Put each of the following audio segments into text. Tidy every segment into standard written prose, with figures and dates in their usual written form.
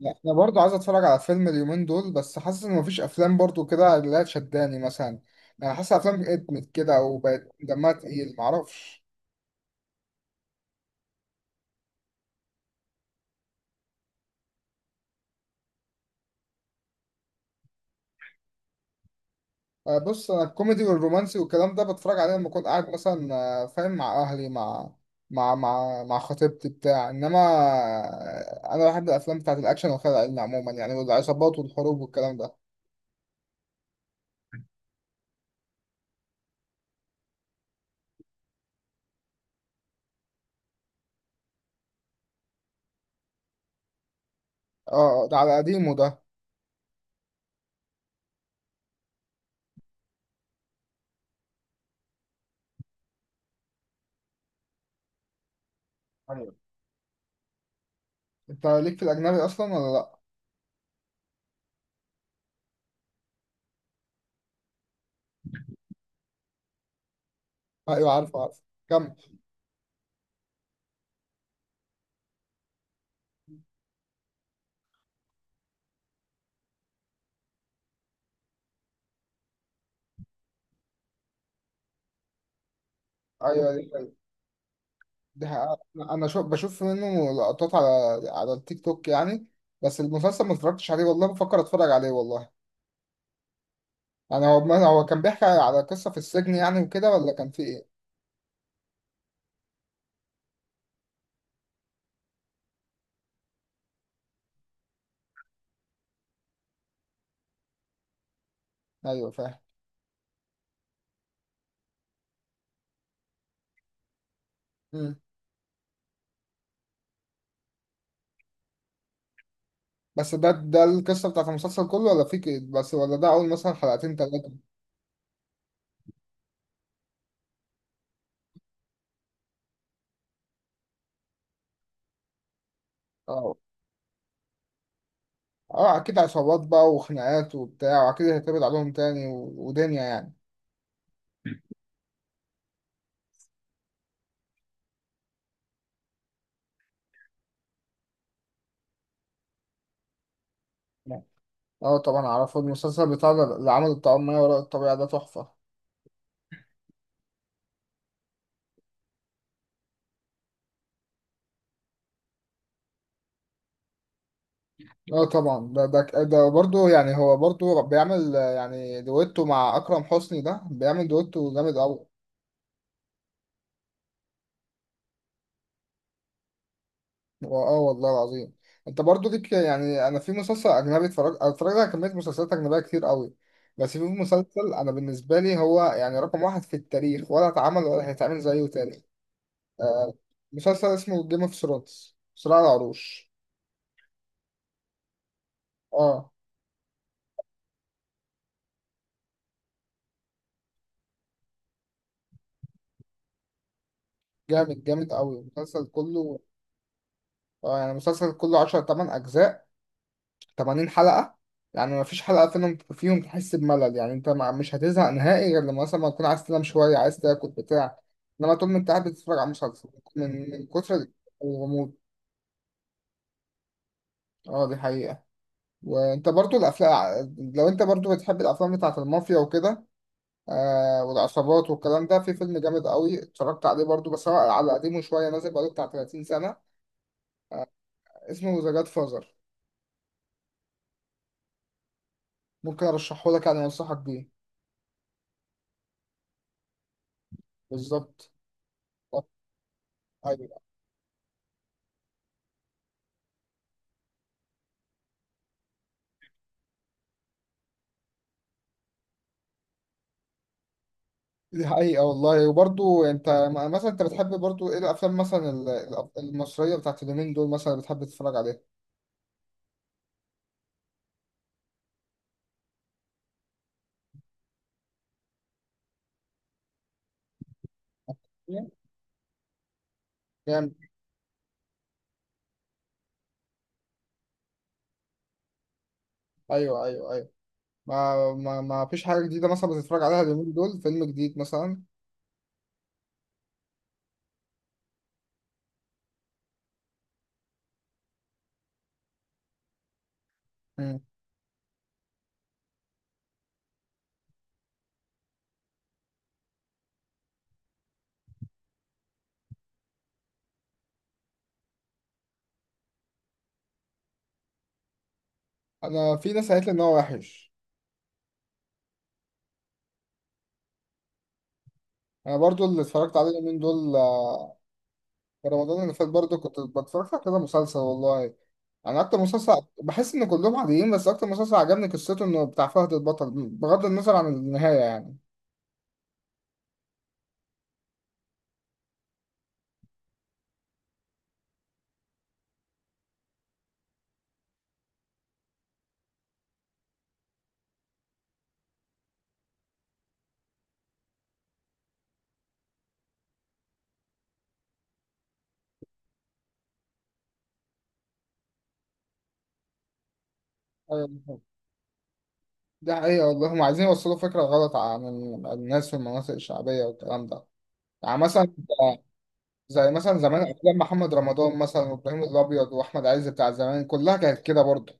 لا انا برضو عايز اتفرج على فيلم اليومين دول، بس حاسس ان مفيش افلام برضو كده اللي هي تشداني مثلا. انا حاسس افلام ادمت كده وبقت دمها تقيل معرفش. بص انا الكوميدي والرومانسي والكلام ده بتفرج عليه لما اكون قاعد مثلا. فاهم، مع اهلي، مع مع خطيبتي بتاع، انما انا بحب الافلام بتاعت الاكشن والخيال العلمي عموما يعني، والعصابات والحروب والكلام ده. اه ده على قديمه ده. ايوه. انت ليك في الاجنبي اصلا ولا لا؟ ايوه عارف. كمل. ايوه ده حقيقة. انا شو بشوف منه لقطات على على التيك توك يعني، بس المسلسل ما اتفرجتش عليه والله، بفكر اتفرج عليه والله. يعني هو، ما هو كان بيحكي على قصة في السجن يعني وكده، ولا كان في ايه؟ ايوه فاهم. مم. بس ده القصة بتاعت المسلسل كله، ولا في كده بس، ولا ده اول مثلا حلقتين ثلاثة؟ اه. اه اكيد عصابات بقى وخناقات وبتاع، واكيد هيتقبض عليهم تاني و... ودنيا يعني. اه طبعا اعرفه، المسلسل بتاع ده اللي عمل الطعام ما وراء الطبيعة ده تحفة. اه طبعا ده برضه، يعني هو برضه بيعمل، يعني دويتو مع اكرم حسني، ده بيعمل دويتو جامد قوي. اه والله العظيم. انت برضه ليك يعني، انا في مسلسل اجنبي اتفرجت على كميه مسلسلات اجنبيه كتير قوي، بس في مسلسل انا بالنسبه لي هو يعني رقم واحد في التاريخ، ولا اتعمل ولا هيتعمل زيه تاني. آه. مسلسل اسمه جيم اوف ثرونز، صراع العروش. اه جامد، جامد قوي المسلسل كله. اه يعني المسلسل كله 10 8 اجزاء، 80 حلقة. يعني ما فيش حلقة فيهم تحس بملل يعني، انت مش هتزهق نهائي، غير لما مثلا ما تكون عايز تنام شوية، عايز تاكل بتاع، انما طول ما انت قاعد بتتفرج على مسلسل، من كتر الغموض. اه دي حقيقة. وانت برضو الافلام، لو انت برضو بتحب الافلام بتاعت المافيا وكده، والعصابات والكلام ده، في فيلم جامد قوي اتفرجت عليه برضو، بس هو على قديمه شوية، نازل بقاله بتاع 30 سنة، اسمه ذا جاد فازر. ممكن ارشحه لك يعني، انصحك بيه. بالظبط. أيوة. دي حقيقة والله. وبرضو انت مثلا انت بتحب برضو ايه الافلام، مثلا المصرية بتاعت اليومين دول، مثلا بتحب تتفرج عليها؟ جامد. ايوه ايوه ايوه. ما فيش حاجة جديدة مثلا بتتفرج عليها اليومين دول، فيلم جديد مثلا؟ مم. انا في ناس قالت لي ان هو وحش. انا برضو اللي اتفرجت عليه اليومين دول، في رمضان اللي فات برضو كنت بتفرج على كده مسلسل والله. انا اكتر مسلسل بحس ان كلهم عاديين، بس اكتر مسلسل عجبني قصته انه بتاع فهد البطل، بغض النظر عن النهاية يعني. ده حقيقة والله، هم عايزين يوصلوا فكرة غلط عن عن الناس في المناطق الشعبية والكلام ده. يعني مثلا زي مثلا زمان أفلام محمد رمضان مثلا، وإبراهيم الأبيض وأحمد عز بتاع زمان، كلها كانت كده برضه.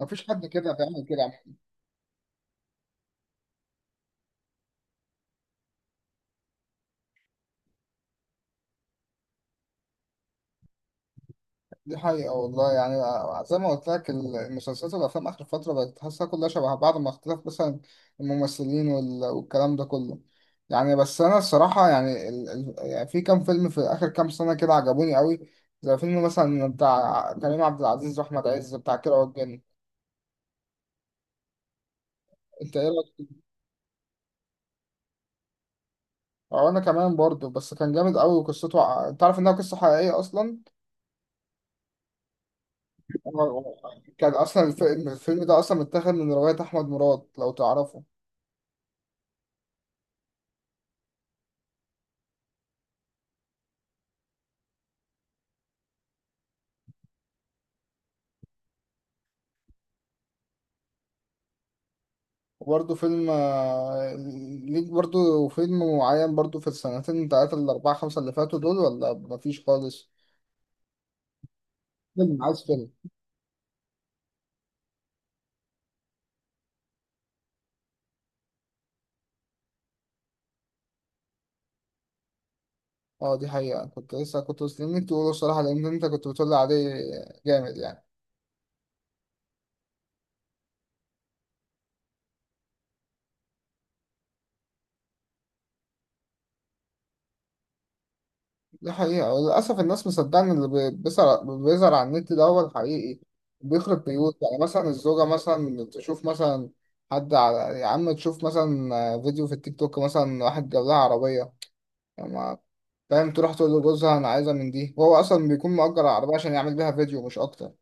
مفيش حد كده بيعمل كده. دي حقيقة والله يعني. زي ما قلت لك، المسلسلات والأفلام آخر فترة بقت تحسها كلها شبه بعض، مع اختلاف مثلا الممثلين والكلام ده كله. يعني بس أنا الصراحة يعني، يعني في كام فيلم في آخر كام سنة كده عجبوني قوي، زي فيلم مثلا بتاع كريم عبد العزيز وأحمد عز، بتاع كيرة والجن. أنت إيه رأيك فيه؟ أو أنا كمان برضه، بس كان جامد قوي، وقصته أنت عارف إنها قصة حقيقية أصلا. هو- هو- كان أصلا الفيلم ده أصلا متاخد من رواية أحمد مراد لو تعرفه. وبرضه فيلم، ليك برضه فيلم معين برضه في السنتين تلاتة الأربعة خمسة اللي فاتوا دول، ولا مفيش خالص؟ فيلم، عايز فيلم. اه دي حقيقة، كنت لسه كنت مستنيك تقوله الصراحة، لأن أنت كنت بتقولي عليه جامد يعني. دي حقيقة وللأسف الناس مصدقة إن اللي بيظهر، بيظهر على النت ده هو الحقيقي. بيخرب بيوت يعني، مثلا الزوجة مثلا تشوف مثلا حد على، يا عم تشوف مثلا فيديو في التيك توك، مثلا واحد جاب لها عربية. ما فاهم، تروح تقول لجوزها انا عايزه من دي، وهو اصلا بيكون مأجر العربيه عشان يعمل بيها فيديو مش اكتر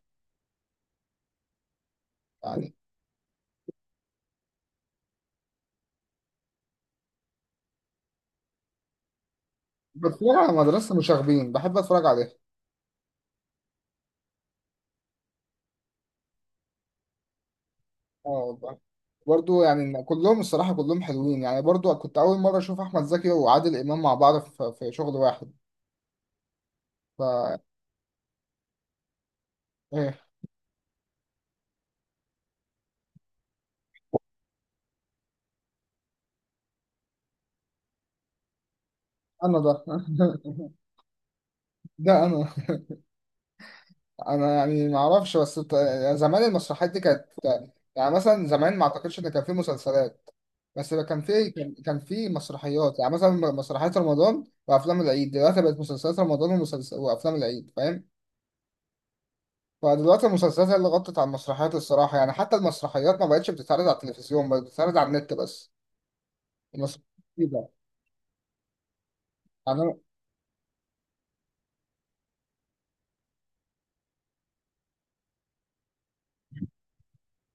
يعني. بتفرج على مدرسه مشاغبين، بحب اتفرج عليها. اه والله. برضو يعني كلهم الصراحه كلهم حلوين يعني، برضو كنت اول مره اشوف احمد زكي وعادل امام مع بعض في في شغل واحد، ف... ايه؟ انا ده ده انا، انا يعني ما اعرفش، بس يعني زمان المسرحيات دي كانت، يعني مثلا زمان ما اعتقدش ان كان في مسلسلات، بس بقى كان في، كان في مسرحيات، يعني مثلا مسرحيات رمضان وافلام العيد، دلوقتي بقت مسلسلات رمضان وافلام العيد فاهم. فدلوقتي المسلسلات هي اللي غطت على المسرحيات الصراحه، يعني حتى المسرحيات ما بقتش بتتعرض على التلفزيون، بقت بتتعرض على النت بس، المسرحيات كده. يعني انا،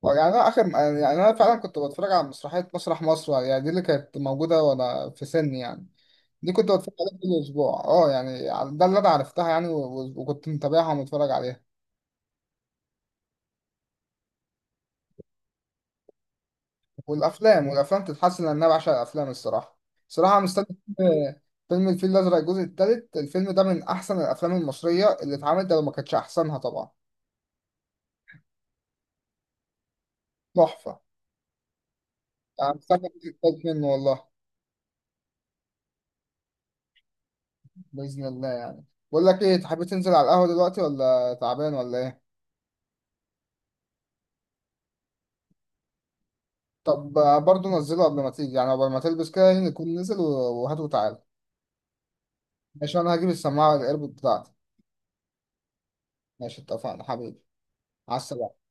يعني انا اخر، يعني انا فعلا كنت بتفرج على مسرحيه مسرح مصر، يعني دي اللي كانت موجوده وانا في سني يعني، دي كنت بتفرج عليها كل اسبوع اه يعني، ده اللي انا عرفتها يعني، وكنت متابعها ومتفرج عليها. والافلام، والافلام تتحسن، لان انا بعشق الافلام الصراحه. صراحه أنا مستني فيلم، فيلم الفيل الازرق الجزء الثالث. الفيلم ده من احسن الافلام المصريه اللي اتعملت، ده لو ما كانتش احسنها طبعا. تحفه. انا مستني الجزء الثالث منه والله. باذن الله يعني. بقول لك ايه، تحب تنزل على القهوه دلوقتي، ولا تعبان ولا ايه؟ طب برضه نزله قبل ما تيجي، يعني قبل ما تلبس كده يعني، نكون نزل و... وهات وتعال. ماشي، انا هجيب السماعه الايربود بتاعتي. ماشي، اتفقنا حبيبي، على السلامه.